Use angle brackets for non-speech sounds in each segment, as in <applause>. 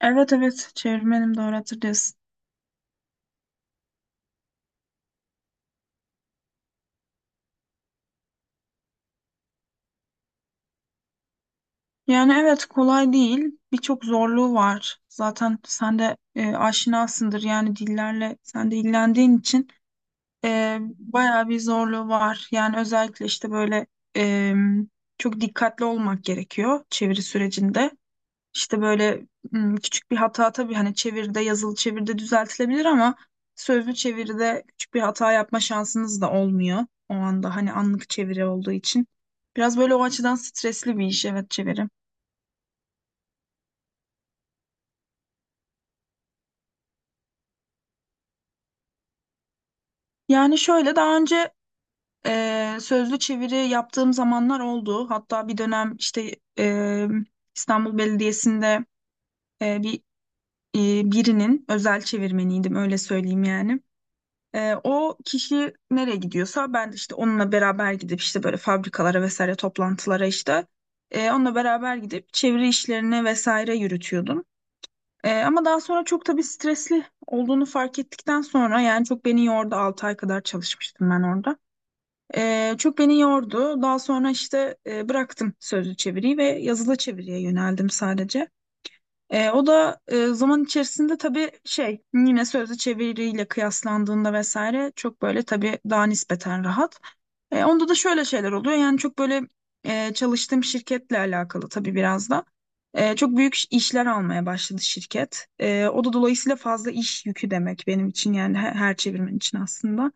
Evet, evet, çevirmenim, doğru hatırlıyorsun. Yani evet, kolay değil. Birçok zorluğu var. Zaten sen de aşinasındır yani dillerle sen de ilgilendiğin için bayağı bir zorluğu var. Yani özellikle işte böyle e, çok dikkatli olmak gerekiyor çeviri sürecinde. İşte böyle küçük bir hata tabii hani çeviride, yazılı çeviride düzeltilebilir ama sözlü çeviride küçük bir hata yapma şansınız da olmuyor. O anda hani anlık çeviri olduğu için. Biraz böyle o açıdan stresli bir iş, evet, çeviri. Yani şöyle, daha önce sözlü çeviri yaptığım zamanlar oldu. Hatta bir dönem işte e, İstanbul Belediyesi'nde e, bir birinin özel çevirmeniydim, öyle söyleyeyim yani. O kişi nereye gidiyorsa ben de işte onunla beraber gidip işte böyle fabrikalara vesaire, toplantılara işte onunla beraber gidip çeviri işlerini vesaire yürütüyordum. Ama daha sonra çok tabii stresli olduğunu fark ettikten sonra yani çok beni yordu. 6 ay kadar çalışmıştım ben orada. Çok beni yordu. Daha sonra işte bıraktım sözlü çeviriyi ve yazılı çeviriye yöneldim sadece. O da zaman içerisinde tabii şey, yine sözlü çeviriyle kıyaslandığında vesaire çok böyle tabii daha nispeten rahat. Onda da şöyle şeyler oluyor, yani çok böyle çalıştığım şirketle alakalı tabii biraz da. Çok büyük işler almaya başladı şirket. O da dolayısıyla fazla iş yükü demek benim için, yani her çevirmen için aslında.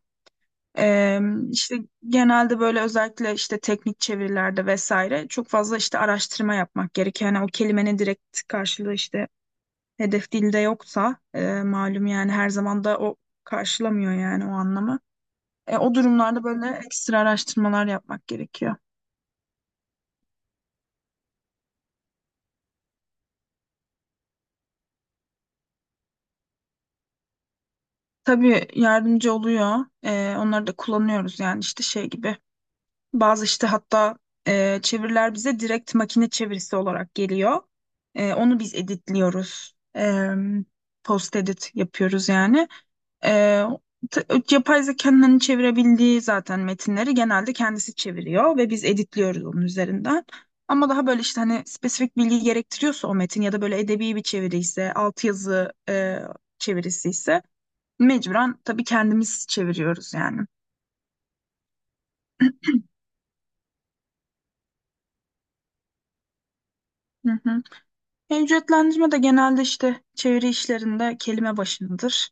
E, işte genelde böyle özellikle işte teknik çevirilerde vesaire çok fazla işte araştırma yapmak gerekiyor. Yani o kelimenin direkt karşılığı işte hedef dilde yoksa malum, yani her zaman da o karşılamıyor yani o anlamı. O durumlarda böyle ekstra araştırmalar yapmak gerekiyor. Tabii yardımcı oluyor. Onları da kullanıyoruz yani işte şey gibi. Bazı işte, hatta çeviriler bize direkt makine çevirisi olarak geliyor. Onu biz editliyoruz. Post edit yapıyoruz yani. Ee, t- Yapay zekanın hani çevirebildiği zaten metinleri genelde kendisi çeviriyor ve biz editliyoruz onun üzerinden. Ama daha böyle işte hani spesifik bilgi gerektiriyorsa o metin ya da böyle edebi bir çeviri ise, altyazı çevirisi ise mecburen tabii kendimiz çeviriyoruz yani. Hı hı. Ücretlendirme de genelde işte çeviri işlerinde kelime başınadır.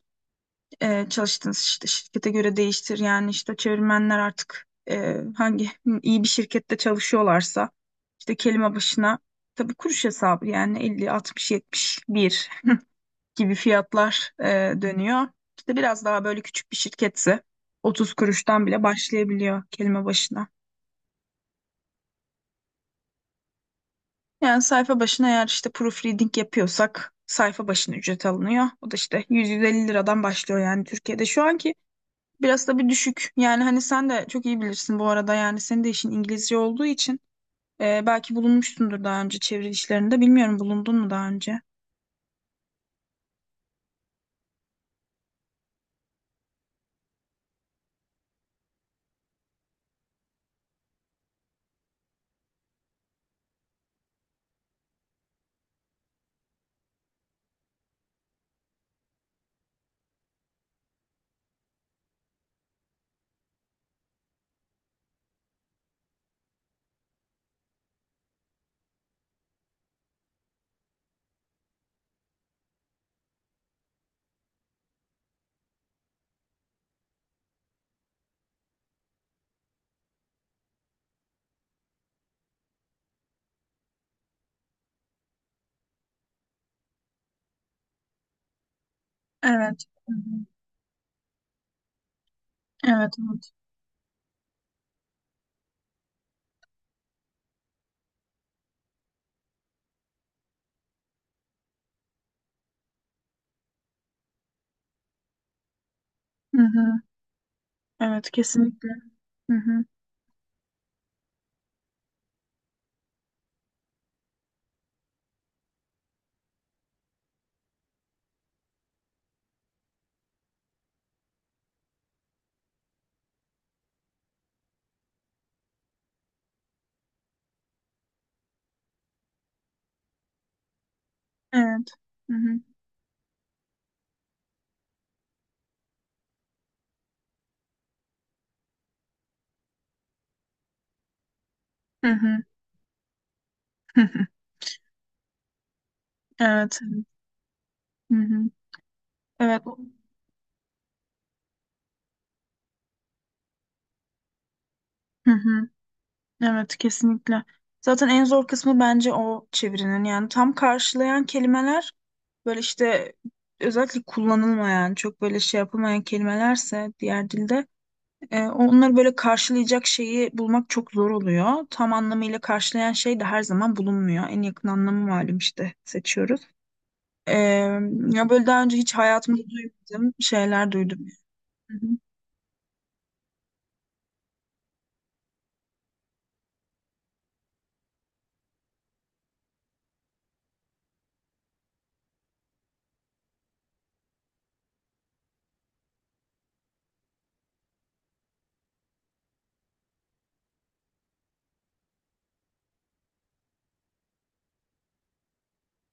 Çalıştığınız işte şirkete göre değiştir. Yani işte çevirmenler artık hangi iyi bir şirkette çalışıyorlarsa işte kelime başına tabii kuruş hesabı, yani elli, altmış, yetmiş, bir gibi fiyatlar dönüyor. İşte biraz daha böyle küçük bir şirketse 30 kuruştan bile başlayabiliyor kelime başına. Yani sayfa başına, eğer işte proofreading yapıyorsak, sayfa başına ücret alınıyor. O da işte 100-150 liradan başlıyor yani Türkiye'de. Şu anki biraz da bir düşük. Yani hani sen de çok iyi bilirsin bu arada. Yani senin de işin İngilizce olduğu için belki bulunmuşsundur daha önce çeviri işlerinde. Bilmiyorum, bulundun mu daha önce? Evet. Hı hı. Evet, evet. Hı hı. Evet, kesinlikle. Hı hı. Evet. Hı hı. Hı hı. <laughs> Evet. Hı hı. Evet. Hı hı. Evet, kesinlikle. Zaten en zor kısmı bence o çevirinin, yani tam karşılayan kelimeler böyle işte özellikle kullanılmayan, çok böyle şey yapılmayan kelimelerse diğer dilde onları böyle karşılayacak şeyi bulmak çok zor oluyor. Tam anlamıyla karşılayan şey de her zaman bulunmuyor. En yakın anlamı malum işte seçiyoruz. E, Ya böyle daha önce hiç hayatımda duymadığım şeyler duydum. Hı hı.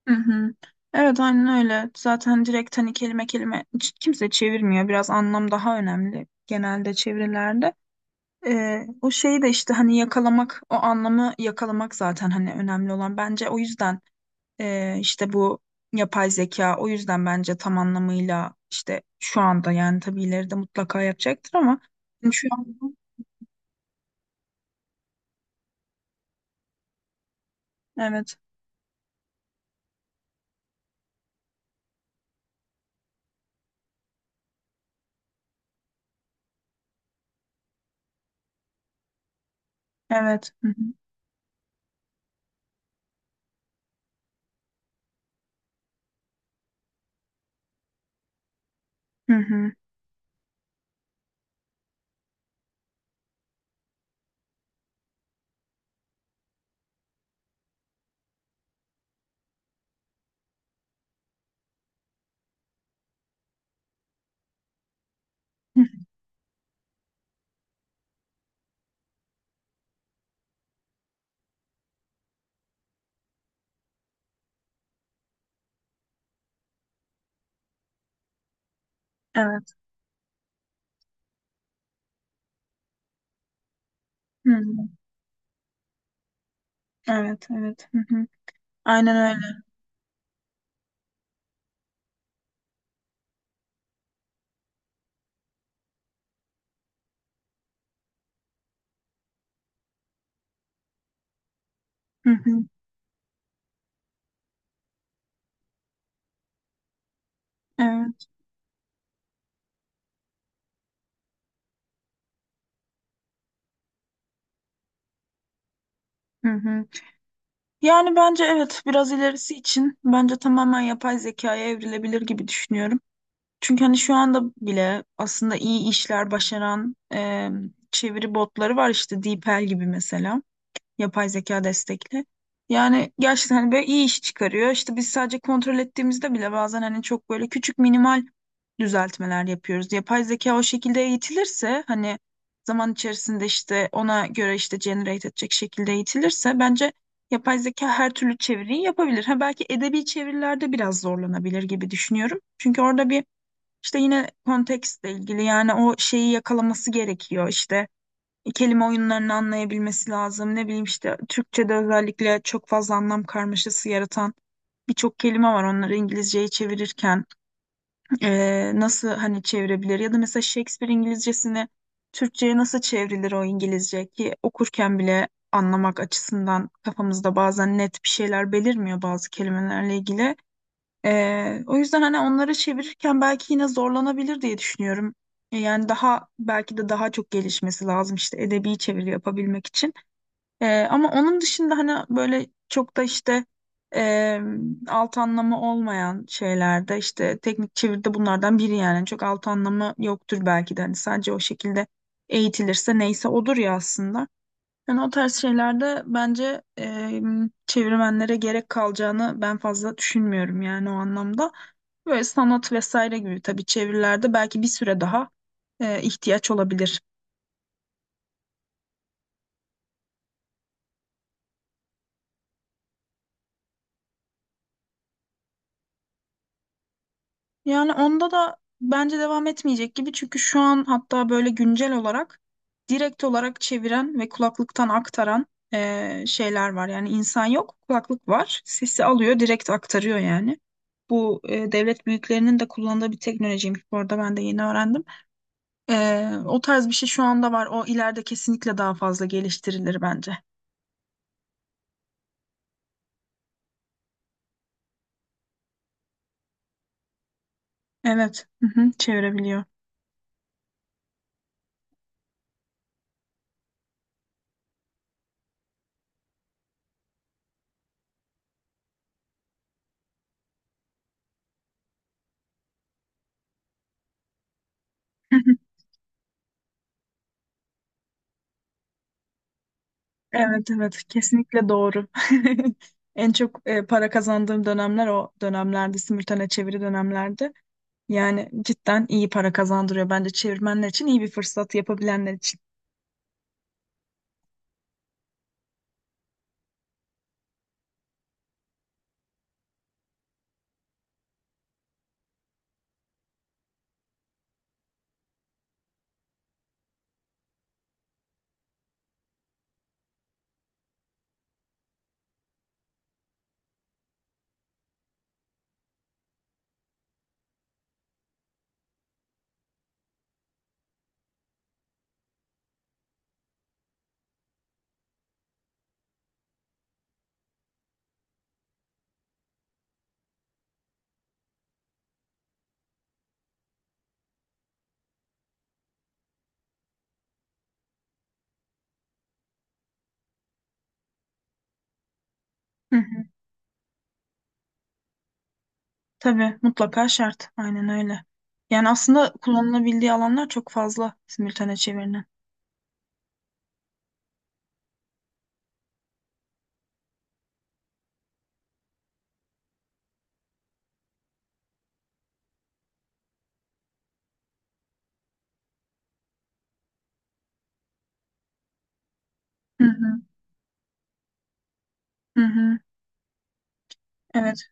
Hı hı. Evet, aynen öyle. Zaten direkt hani kelime kelime hiç kimse çevirmiyor. Biraz anlam daha önemli genelde çevirilerde. O şeyi de işte hani yakalamak, o anlamı yakalamak zaten hani önemli olan. Bence o yüzden işte bu yapay zeka o yüzden bence tam anlamıyla işte şu anda yani tabii ileride mutlaka yapacaktır ama hani şu an evet, evet. Hı hı. Hı hı. Evet. Hı hı. Evet, evet. Hı hı. Aynen öyle. Hı hı. Evet. Hı hı. Yani bence evet, biraz ilerisi için bence tamamen yapay zekaya evrilebilir gibi düşünüyorum. Çünkü hani şu anda bile aslında iyi işler başaran çeviri botları var işte DeepL gibi mesela, yapay zeka destekli. Yani gerçekten hani böyle iyi iş çıkarıyor. İşte biz sadece kontrol ettiğimizde bile bazen hani çok böyle küçük, minimal düzeltmeler yapıyoruz. Yapay zeka o şekilde eğitilirse hani zaman içerisinde işte ona göre işte generate edecek şekilde eğitilirse bence yapay zeka her türlü çeviriyi yapabilir. Ha, belki edebi çevirilerde biraz zorlanabilir gibi düşünüyorum. Çünkü orada bir işte yine kontekstle ilgili, yani o şeyi yakalaması gerekiyor. İşte kelime oyunlarını anlayabilmesi lazım. Ne bileyim işte Türkçe'de özellikle çok fazla anlam karmaşası yaratan birçok kelime var. Onları İngilizceye çevirirken nasıl hani çevirebilir? Ya da mesela Shakespeare İngilizcesini Türkçe'ye nasıl çevrilir, o İngilizce ki okurken bile anlamak açısından kafamızda bazen net bir şeyler belirmiyor bazı kelimelerle ilgili. O yüzden hani onları çevirirken belki yine zorlanabilir diye düşünüyorum. Yani daha belki de daha çok gelişmesi lazım işte edebi çeviri yapabilmek için. Ama onun dışında hani böyle çok da işte e, alt anlamı olmayan şeylerde, işte teknik çeviride, bunlardan biri yani, çok alt anlamı yoktur belki de hani, sadece o şekilde eğitilirse neyse odur ya aslında. Yani o tarz şeylerde bence çevirmenlere gerek kalacağını ben fazla düşünmüyorum yani o anlamda. Böyle sanat vesaire gibi tabii çevirilerde belki bir süre daha ihtiyaç olabilir. Yani onda da bence devam etmeyecek gibi, çünkü şu an hatta böyle güncel olarak direkt olarak çeviren ve kulaklıktan aktaran şeyler var. Yani insan yok, kulaklık var. Sesi alıyor, direkt aktarıyor yani. Bu devlet büyüklerinin de kullandığı bir teknolojiymiş, bu arada ben de yeni öğrendim. O tarz bir şey şu anda var. O ileride kesinlikle daha fazla geliştirilir bence. Evet, hı hı, çevirebiliyor. <laughs> Evet, evet, kesinlikle doğru. <laughs> En çok para kazandığım dönemler o dönemlerdi, simültane çeviri dönemlerdi. Yani cidden iyi para kazandırıyor bence çevirmenler için, iyi bir fırsat yapabilenler için. Hı hı. Tabii, mutlaka şart. Aynen öyle. Yani aslında kullanılabildiği alanlar çok fazla simültane çevirinin. Hı hı. Hı hı. Evet,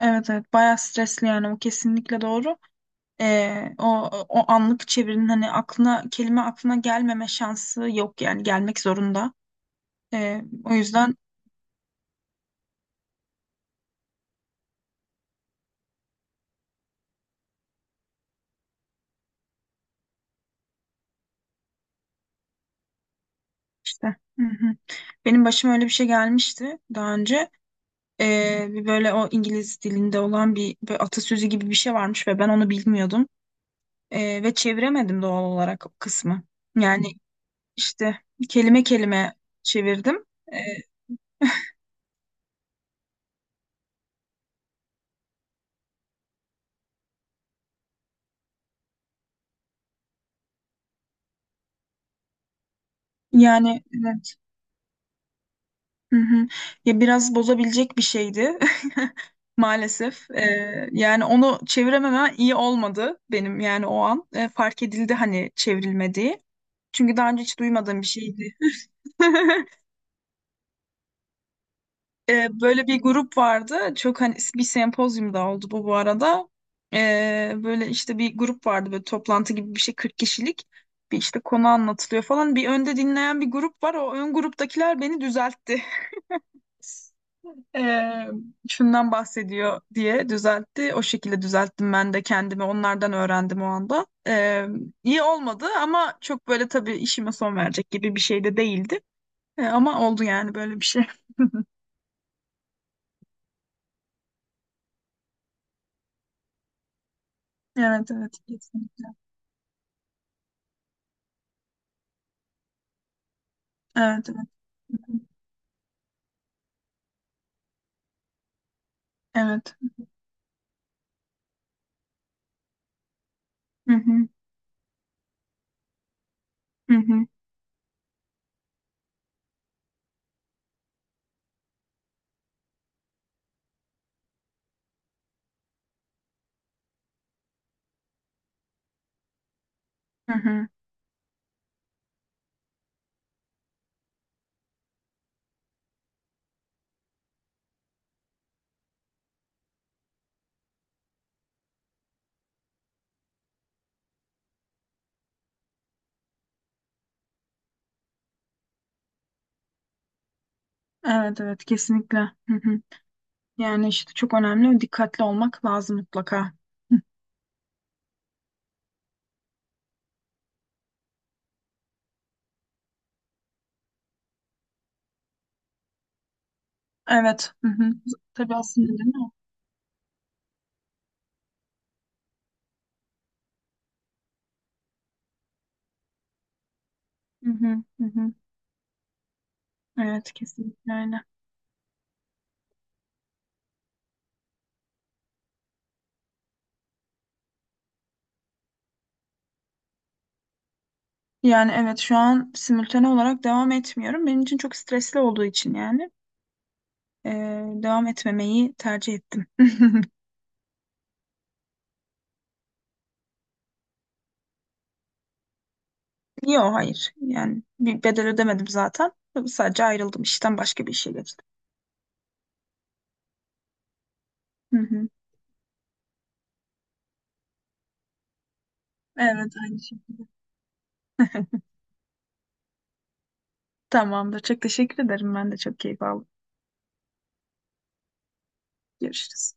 evet, evet. Bayağı stresli yani, o kesinlikle doğru. O o anlık çevirinin hani aklına kelime, aklına gelmeme şansı yok, yani gelmek zorunda. O yüzden işte. Hı hı. Benim başıma öyle bir şey gelmişti daha önce. Bir böyle o İngiliz dilinde olan bir, böyle atasözü gibi bir şey varmış ve ben onu bilmiyordum. Ve çeviremedim doğal olarak o kısmı. Yani işte kelime kelime çevirdim. Ee, Yani evet. Hı hı. Ya biraz bozabilecek bir şeydi <laughs> maalesef. Yani onu çevirememe iyi olmadı benim yani o an. Fark edildi hani çevrilmediği. Çünkü daha önce hiç duymadığım bir şeydi. <laughs> Böyle bir grup vardı. Çok hani bir sempozyumda oldu bu, bu arada. Böyle işte bir grup vardı, böyle toplantı gibi bir şey, 40 kişilik. Bir işte konu anlatılıyor falan. Bir önde dinleyen bir grup var. O ön gruptakiler beni düzeltti. <laughs> Ee, Şundan bahsediyor diye düzeltti. O şekilde düzelttim ben de kendimi. Onlardan öğrendim o anda. İyi olmadı ama çok böyle tabii işime son verecek gibi bir şey de değildi. Ama oldu yani böyle bir şey. Evet, evet, kesin. Evet, evet, evet. Hı hı, hı hı, hı hı. Evet, evet, kesinlikle. Hı hı. Yani işte çok önemli. Dikkatli olmak lazım mutlaka. Hı. Evet. Hı hı. Tabii, aslında değil mi? Hı hı, hı hı. Evet, kesinlikle öyle. Yani evet, şu an simultane olarak devam etmiyorum. Benim için çok stresli olduğu için, yani e, devam etmemeyi tercih ettim. <laughs> Yok, hayır. Yani bir bedel ödemedim zaten. Tabii, sadece ayrıldım işten, başka bir işe geçtim. Hı hı. Evet, aynı şey. Tamamdır. Çok teşekkür ederim. Ben de çok keyif aldım. Görüşürüz.